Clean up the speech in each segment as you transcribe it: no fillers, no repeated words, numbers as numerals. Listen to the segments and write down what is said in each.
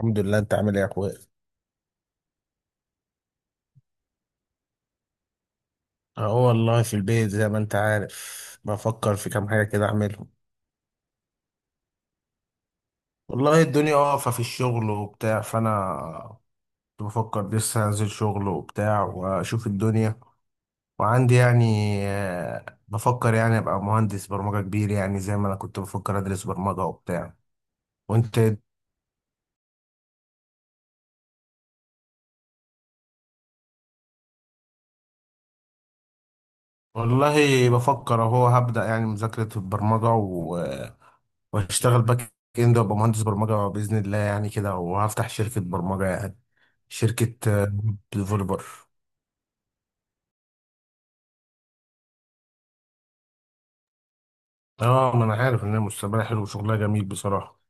الحمد لله. انت عامل ايه يا اخويا؟ اهو والله في البيت زي ما انت عارف، بفكر في كام حاجه كده اعملهم. والله الدنيا واقفه في الشغل وبتاع، فانا كنت بفكر لسه انزل شغل وبتاع واشوف الدنيا. وعندي يعني بفكر يعني ابقى مهندس برمجه كبير، يعني زي ما انا كنت بفكر ادرس برمجه وبتاع. وانت؟ والله بفكر اهو هبدأ يعني مذاكره البرمجه، وهشتغل باك اند وابقى مهندس برمجه باذن الله يعني كده، وهفتح شركه برمجه يعني، شركه ديفلوبر. اه، ما انا عارف ان المستقبل حلو وشغلها جميل بصراحه.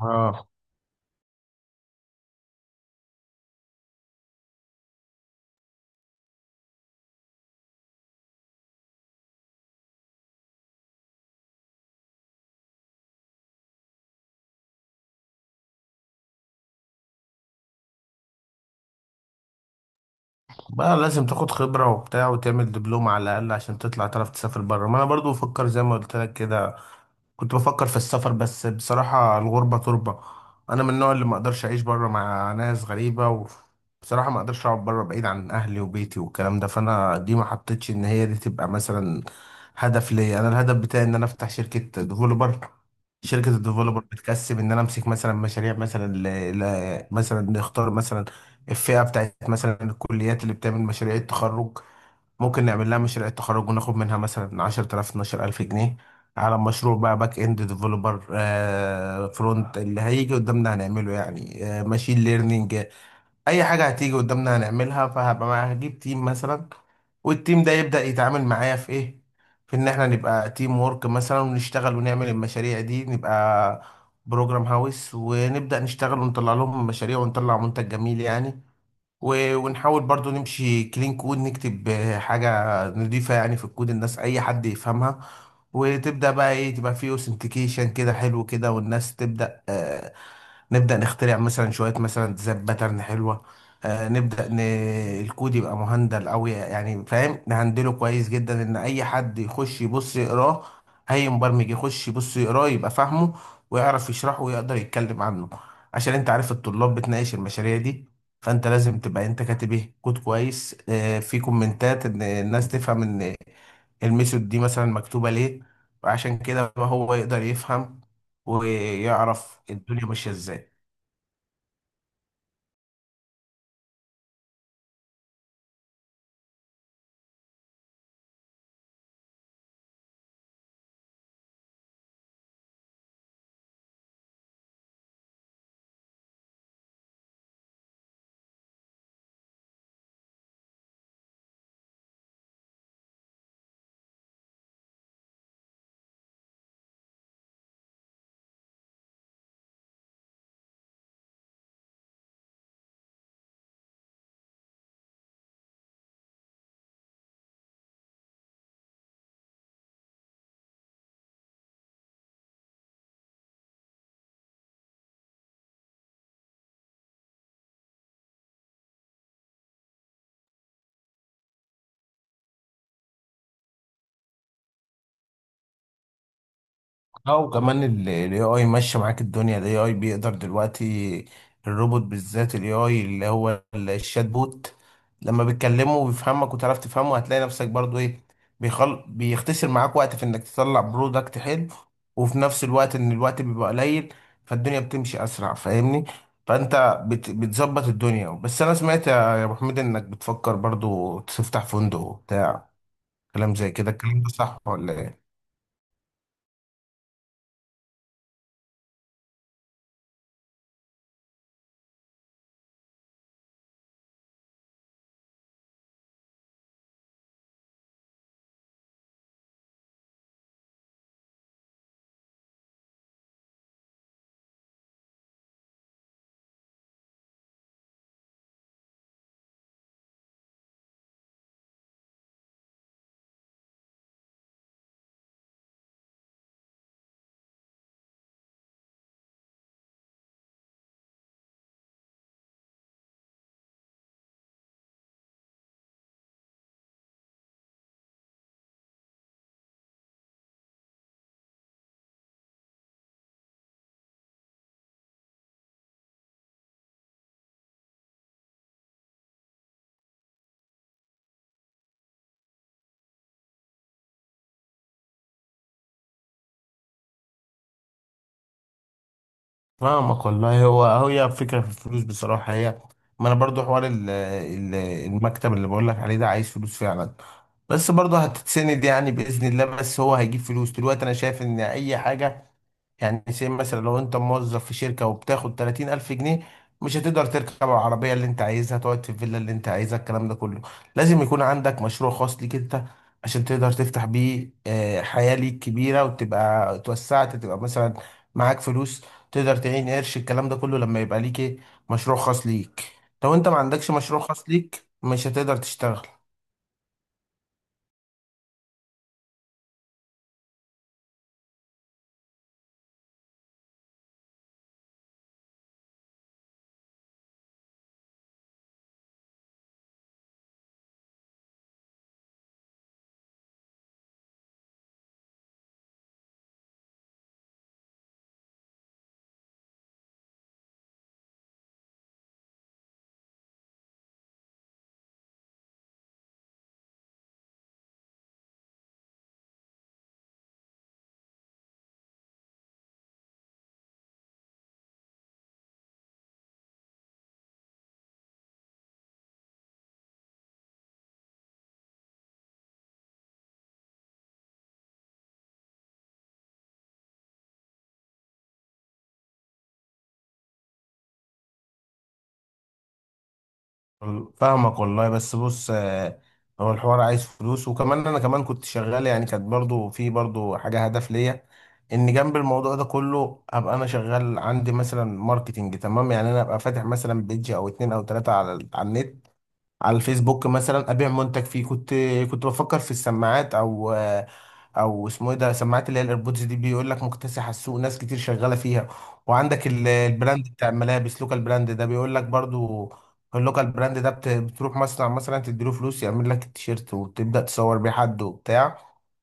اه، بقى لازم تاخد خبرة وبتاع وتعمل دبلوم على الأقل عشان تطلع تعرف تسافر بره. ما أنا برضو بفكر زي ما قلت لك كده، كنت بفكر في السفر، بس بصراحة الغربة تربة. أنا من النوع اللي ما أقدرش أعيش بره مع ناس غريبة، وبصراحة ما أقدرش أقعد بره بعيد عن أهلي وبيتي والكلام ده. فأنا دي ما حطيتش إن هي دي تبقى مثلا هدف ليا. أنا الهدف بتاعي إن أنا أفتح شركة ديفولوبر. شركة الديفولوبر بتكسب إن أنا أمسك مثلا مشاريع، مثلا مثلا نختار مثلا الفئة بتاعت مثلا الكليات اللي بتعمل مشاريع التخرج. ممكن نعمل لها مشاريع التخرج وناخد منها مثلا 10,000 12,000 جنيه على مشروع، بقى باك اند ديفلوبر، آه، فرونت، اللي هيجي قدامنا هنعمله، يعني آه ماشين ليرنينج، اي حاجة هتيجي قدامنا هنعملها. هجيب تيم مثلا، والتيم ده يبدأ يتعامل معايا في ايه، في ان احنا نبقى تيم وورك مثلا، ونشتغل ونعمل المشاريع دي، نبقى بروجرام هاوس ونبدأ نشتغل ونطلع لهم مشاريع ونطلع منتج جميل يعني. ونحاول برضو نمشي كلين كود، نكتب حاجة نضيفة يعني في الكود، الناس أي حد يفهمها. وتبدأ بقى إيه، تبقى فيه أوثنتيكيشن كده حلو كده، والناس تبدأ نبدأ نخترع مثلا شوية مثلا ديزاين باترن حلوة. آه، الكود يبقى مهندل أوي يعني، فاهم، نهندله كويس جدا إن أي حد يخش يبص يقراه، أي مبرمج يخش يبص يقراه يبقى فاهمه ويعرف يشرحه ويقدر يتكلم عنه. عشان أنت عارف الطلاب بتناقش المشاريع دي، فأنت لازم تبقى أنت كاتب إيه، كود كويس، آه، في كومنتات إن الناس تفهم إن الميثود دي مثلا مكتوبة ليه. وعشان كده هو يقدر يفهم ويعرف الدنيا ماشية إزاي. لا، وكمان الاي اي ماشي معاك الدنيا. الاي اي بيقدر دلوقتي، الروبوت بالذات الاي اي اللي هو الشات بوت، لما بتكلمه وبيفهمك وتعرف تفهمه، هتلاقي نفسك برضو ايه، بيختصر معاك وقت في انك تطلع برودكت حلو، وفي نفس الوقت ان الوقت بيبقى قليل، فالدنيا بتمشي اسرع، فاهمني؟ فانت بتظبط الدنيا. بس انا سمعت يا ابو حميد انك بتفكر برضو تفتح فندق وبتاع، كلام زي كده، الكلام ده صح ولا ايه؟ فاهمك والله. هو هي فكرة في الفلوس بصراحة هي، ما انا برضو حوار المكتب اللي بقول لك عليه ده عايز فلوس فعلا، بس برضو هتتسند يعني بإذن الله. بس هو هيجيب فلوس دلوقتي. انا شايف ان اي حاجة، يعني زي مثلا لو انت موظف في شركة وبتاخد 30 ألف جنيه، مش هتقدر تركب العربية اللي انت عايزها، تقعد في الفيلا اللي انت عايزها، الكلام ده كله لازم يكون عندك مشروع خاص ليك انت، عشان تقدر تفتح بيه حياة ليك كبيرة، وتبقى اتوسعت، تبقى مثلا معاك فلوس، تقدر تعين قرش، الكلام ده كله لما يبقى ليك ايه، مشروع خاص ليك. لو انت ما عندكش مشروع خاص ليك مش هتقدر تشتغل. فاهمك والله، بس بص هو الحوار عايز فلوس. وكمان انا كمان كنت شغال يعني، كانت برضو في برضو حاجة هدف ليا، ان جنب الموضوع ده كله ابقى انا شغال عندي مثلا ماركتينج، تمام؟ يعني انا ابقى فاتح مثلا بيدج او اتنين او تلاتة على على النت، على الفيسبوك مثلا، ابيع منتج فيه. كنت بفكر في السماعات، او اسمه ايه ده، سماعات اللي هي الايربودز دي، بيقول لك مكتسحه السوق، ناس كتير شغاله فيها. وعندك البراند بتاع الملابس، لوكال براند ده بيقول لك برضو، اللوكال براند ده بتروح مصنع مثلا تديله فلوس يعمل لك التيشيرت، وتبدا تصور بيه حد وبتاع.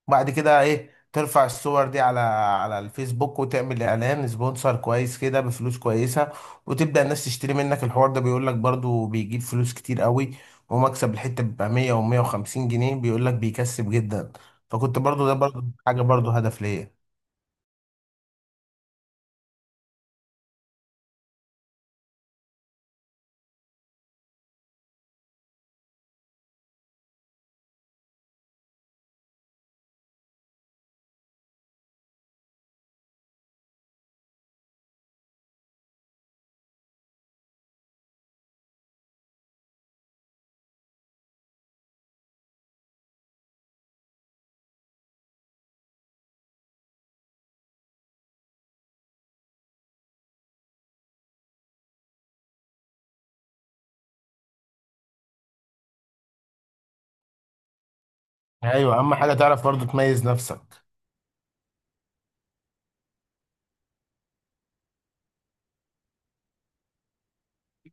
بعد كده ايه، ترفع الصور دي على على الفيسبوك وتعمل اعلان سبونسر كويس كده بفلوس كويسه، وتبدا الناس تشتري منك. الحوار ده بيقول لك برضو بيجيب فلوس كتير قوي، هو مكسب الحتة بيبقى 100 و 150 جنيه، بيقول لك بيكسب جدا. فكنت برضو ده برضو حاجة برضو هدف ليا. ايوه، اهم حاجة تعرف برضو تميز نفسك.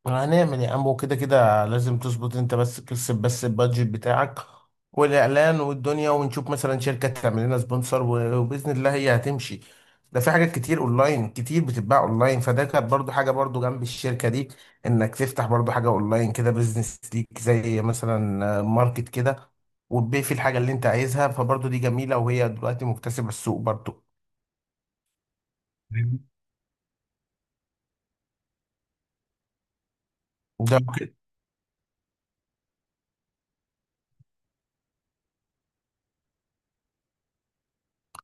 هنعمل يا عم، وكده كده لازم تظبط. انت بس ترسم بس البادجت بتاعك، والاعلان والدنيا، ونشوف مثلا شركه تعمل لنا سبونسر، وباذن الله هي هتمشي. ده في حاجات كتير اونلاين، كتير بتتباع اونلاين، فده كانت برضو حاجه برضو جنب الشركه دي، انك تفتح برضو حاجه اونلاين كده، بزنس ليك، زي مثلا ماركت كده، وتبيع فيه الحاجه اللي انت عايزها. فبرضو دي جميله، وهي دلوقتي مكتسبه السوق برضو ده.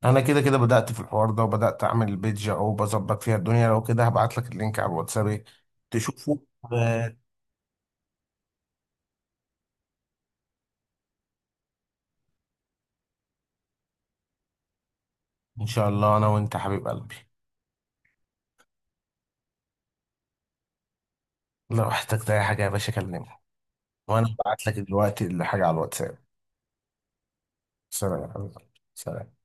انا كده كده بدأت في الحوار ده، وبدأت اعمل البيج اهو بظبط فيها الدنيا. لو كده هبعت لك اللينك على الواتساب تشوفه. آه، ان شاء الله، انا وانت حبيب قلبي. لو احتجت اي حاجة يا باشا كلمني، وانا بعت لك دلوقتي الحاجة على الواتساب. سلام يا حبيب قلبي. سلام.